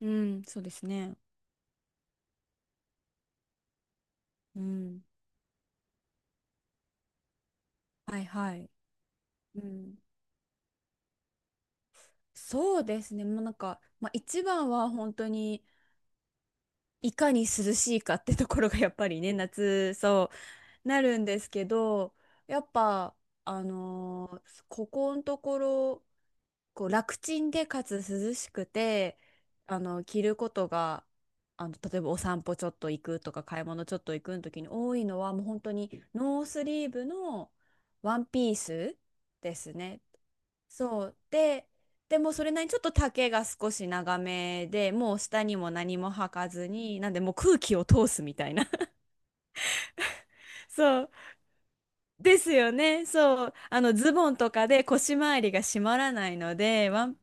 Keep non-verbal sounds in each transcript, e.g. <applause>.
うん、そうですね。うん。はいはい。うん。そうですね。もうなんか、まあ、一番は本当にいかに涼しいかってところがやっぱりね、夏、そう、なるんですけど、やっぱ、あのーここのところ、こう楽ちんでかつ涼しくて、あの、着ることが、あの、例えばお散歩ちょっと行くとか、買い物ちょっと行くの時に多いのは、もう本当にノースリーブのワンピースですね。そうで、でもそれなりにちょっと丈が少し長めでもう下にも何も履かずになんでもう空気を通すみたいな。 <laughs> そうですよね。そう、あのズボンとかで腰回りが締まらないので、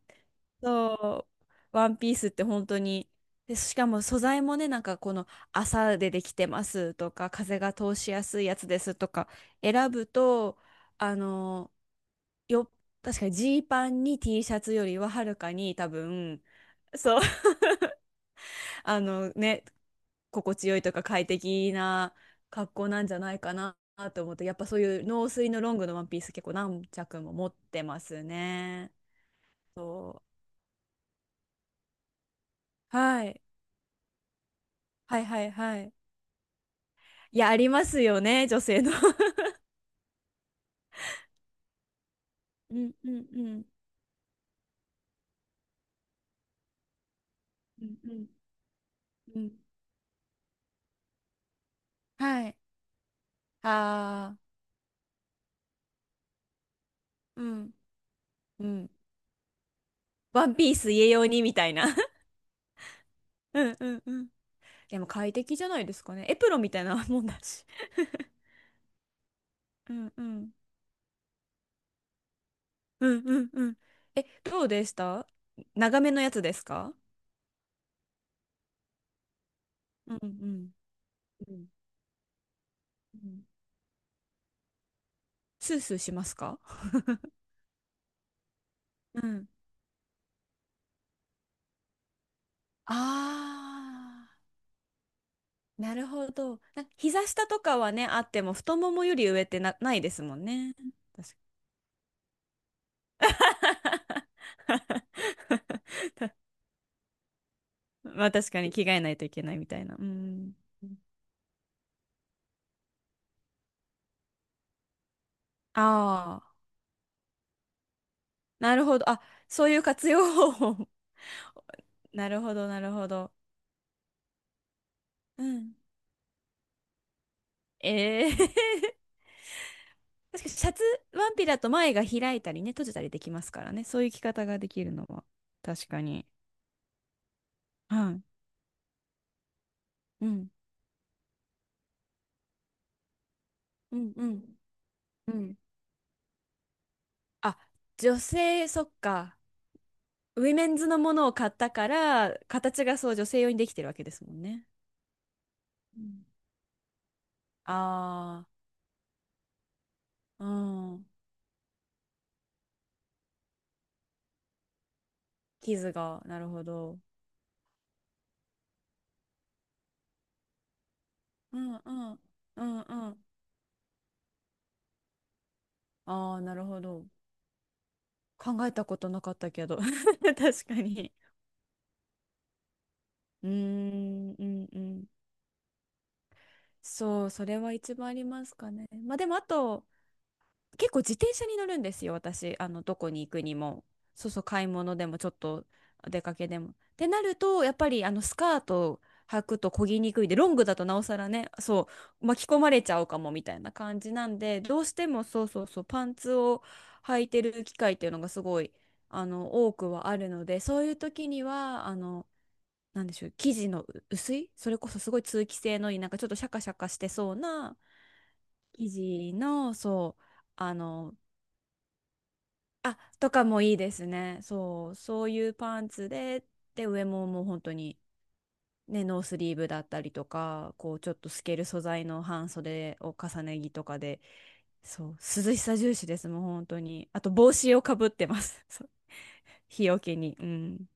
そワンピースって本当に、で、しかも素材もね、なんかこの麻でできてますとか、風が通しやすいやつですとか選ぶと、あの、よ、確かにジーパンに T シャツよりははるかに多分、そう、<laughs> あのね、心地よいとか快適な格好なんじゃないかなと思って、やっぱそういう農水のロングのワンピース結構何着も持ってますね。そう。はい。はいはいはい。いや、ありますよね、女性の。<laughs> うんうんうん。うんうんうん。はい。ああ、うんうん。ワンピース家用にみたいな。<laughs> うんうんうん。でも快適じゃないですかね。エプロンみたいなもんだし。<laughs> うんうんうん。うんうん。え、どうでした？長めのやつですか？うんうん。うんうん。スースーしますか？ <laughs> うん。ああ。なるほど。な膝下とかはね、あっても太ももより上ってな、ないですもんね。確かに。 <laughs> まあ確かに着替えないといけないみたいな。うん。ああ、なるほど。あ、そういう活用方法。<laughs> なるほど、なるほど。うん。ええ。 <laughs> 確かにシャツ、ワンピだと前が開いたりね、閉じたりできますからね。そういう着方ができるのは。確かに。はい。うん。うんうん。うん。あ、女性、そっか。ウィメンズのものを買ったから、形がそう女性用にできてるわけですもんね。うん。ああ、うん。傷が、なるほど。うんうん。うんうん。ああ、なるほど。考えたことなかったけど。<laughs> 確かに。うーん、うんうん。そう、それは一番ありますかね。まあでもあと、結構自転車に乗るんですよ、私。あの、どこに行くにも。そうそう、買い物でも、ちょっと出かけでも。ってなると、やっぱり、あの、スカート履くと漕ぎにくいで、ロングだとなおさらね、そう、巻き込まれちゃうかもみたいな感じなんで、どうしてもそうそうそう、パンツを履いてる機会っていうのがすごい、あの、多くはあるので、そういう時には、あの、なんでしょう、生地の薄い、それこそすごい通気性のいい、なんかちょっとシャカシャカしてそうな生地の、そう、あの、あ、とかもいいですね。そう、そういうパンツで、で、上ももう本当に、ね、ノースリーブだったりとか、こう、ちょっと透ける素材の半袖を重ね着とかで、そう、涼しさ重視です、もう本当に。あと、帽子をかぶってます。<laughs> そう、日よけに。うん。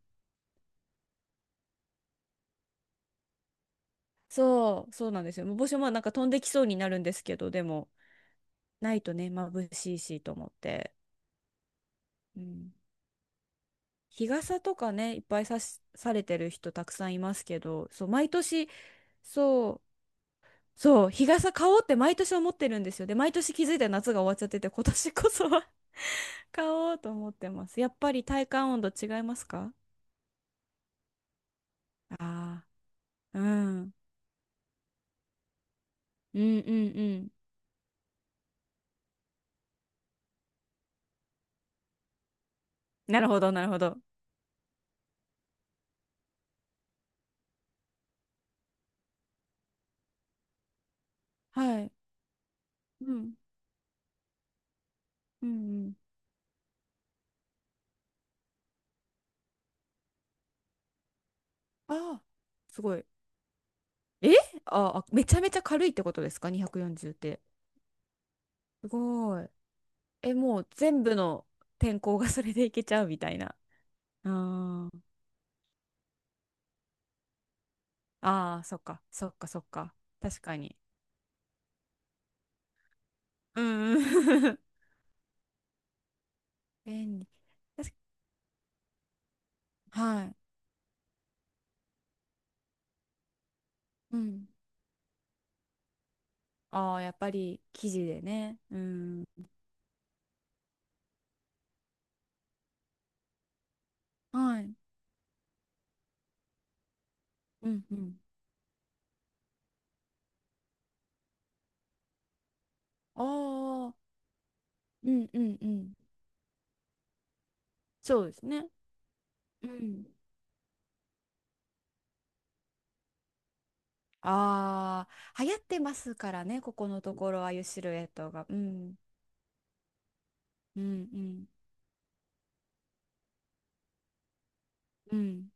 そう、そうなんですよ。もう帽子もなんか飛んできそうになるんですけど、でも、ないとね、眩しいしと思って。うん。日傘とかね、いっぱいさし、されてる人たくさんいますけど、そう、毎年、そうそう、日傘買おうって毎年思ってるんですよ。で、毎年気づいたら夏が終わっちゃってて、今年こそは <laughs> 買おうと思ってます。やっぱり体感温度違いますか？ああー、うん。うんうんうん。なるほど、なるほど。はい。うん。うんうん。ああ、すごい。え、ああ、めちゃめちゃ軽いってことですか？ 240 って。すごい。え、もう全部の天候がそれでいけちゃうみたいな。あー。あー、そっか、そっか、そっか。確かに。うんうん。<laughs> 便利。確かはい。うん。ああ、やっぱり生地でね。うん。はい。うんうん。ああ、うんうんうん。そうですね。うん。ああ、流行ってますからね、ここのところ、ああいうシルエットが。うん。うんうん。うん。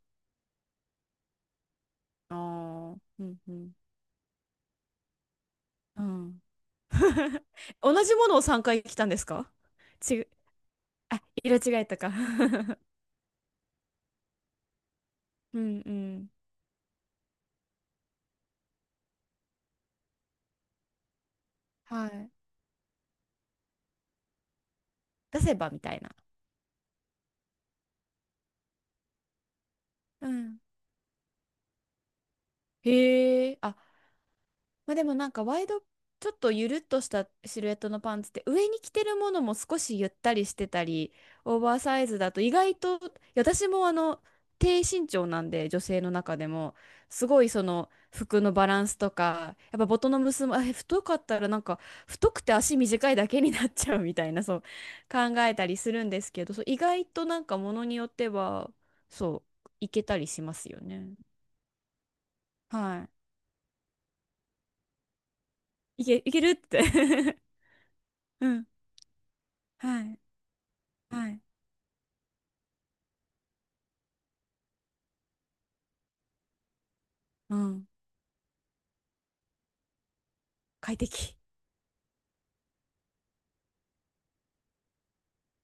ああ、うんうん。うん。同じものを3回着たんですか？ちぐ、あ、色違いとか。<laughs> うんうん。はい。<laughs> 出せばみたいな。うん。へえ、あ、まあ、でもなんかワイド、ちょっとゆるっとしたシルエットのパンツって上に着てるものも少しゆったりしてたりオーバーサイズだと意外と、私もあの低身長なんで女性の中でもすごいその服のバランスとかやっぱボトの結びあ太かったらなんか太くて足短いだけになっちゃうみたいな、そう考えたりするんですけど、そう意外となんかものによってはそういけたりしますよね。はい。いけるって。 <laughs> うん。はい。はい。うん。快適。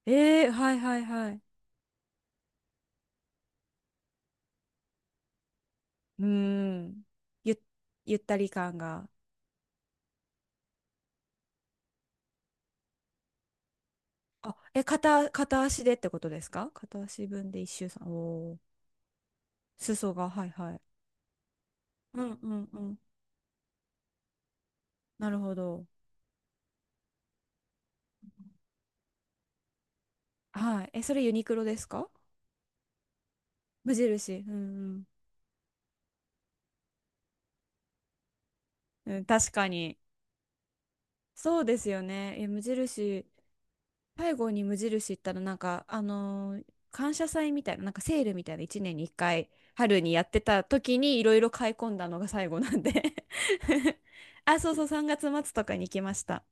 ええ、はいはいはい。うん。ゆ、ゆったり感が。あ、え、片足でってことですか？片足分で一周さん。おー。裾が、はいはい。うんうんうん。なるほど。はい。え、それユニクロですか？無印。うんうん。うん、確かに。そうですよね。え、無印。最後に無印行ったらなんか感謝祭みたいななんかセールみたいな1年に1回春にやってた時にいろいろ買い込んだのが最後なんで。 <laughs> あ、そうそう、3月末とかに行きました。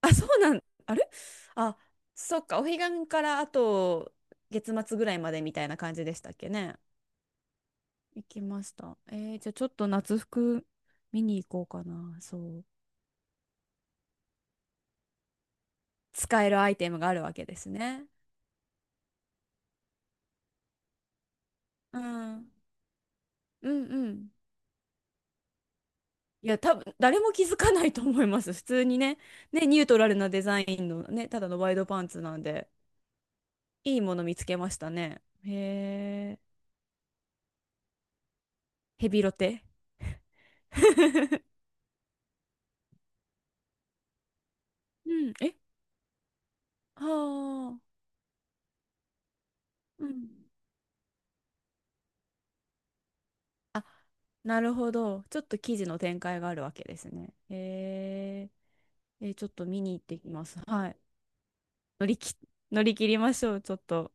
あ、そうなん、あれ、あ、そっか、お彼岸からあと月末ぐらいまでみたいな感じでしたっけね。行きました。えー、じゃあちょっと夏服見に行こうかな。そう、使えるアイテムがあるわけですね。うんうんうん。いや、多分誰も気づかないと思います。<laughs> 普通にね、ね、ニュートラルなデザインのね、ただのワイドパンツなんで、いいもの見つけましたね。へえ、ヘビロテ。<laughs> うん、え、はあ、うん。あ、なるほど。ちょっと記事の展開があるわけですね。へえ、え、ちょっと見に行ってきます。はい。乗りき、乗り切りましょう、ちょっと。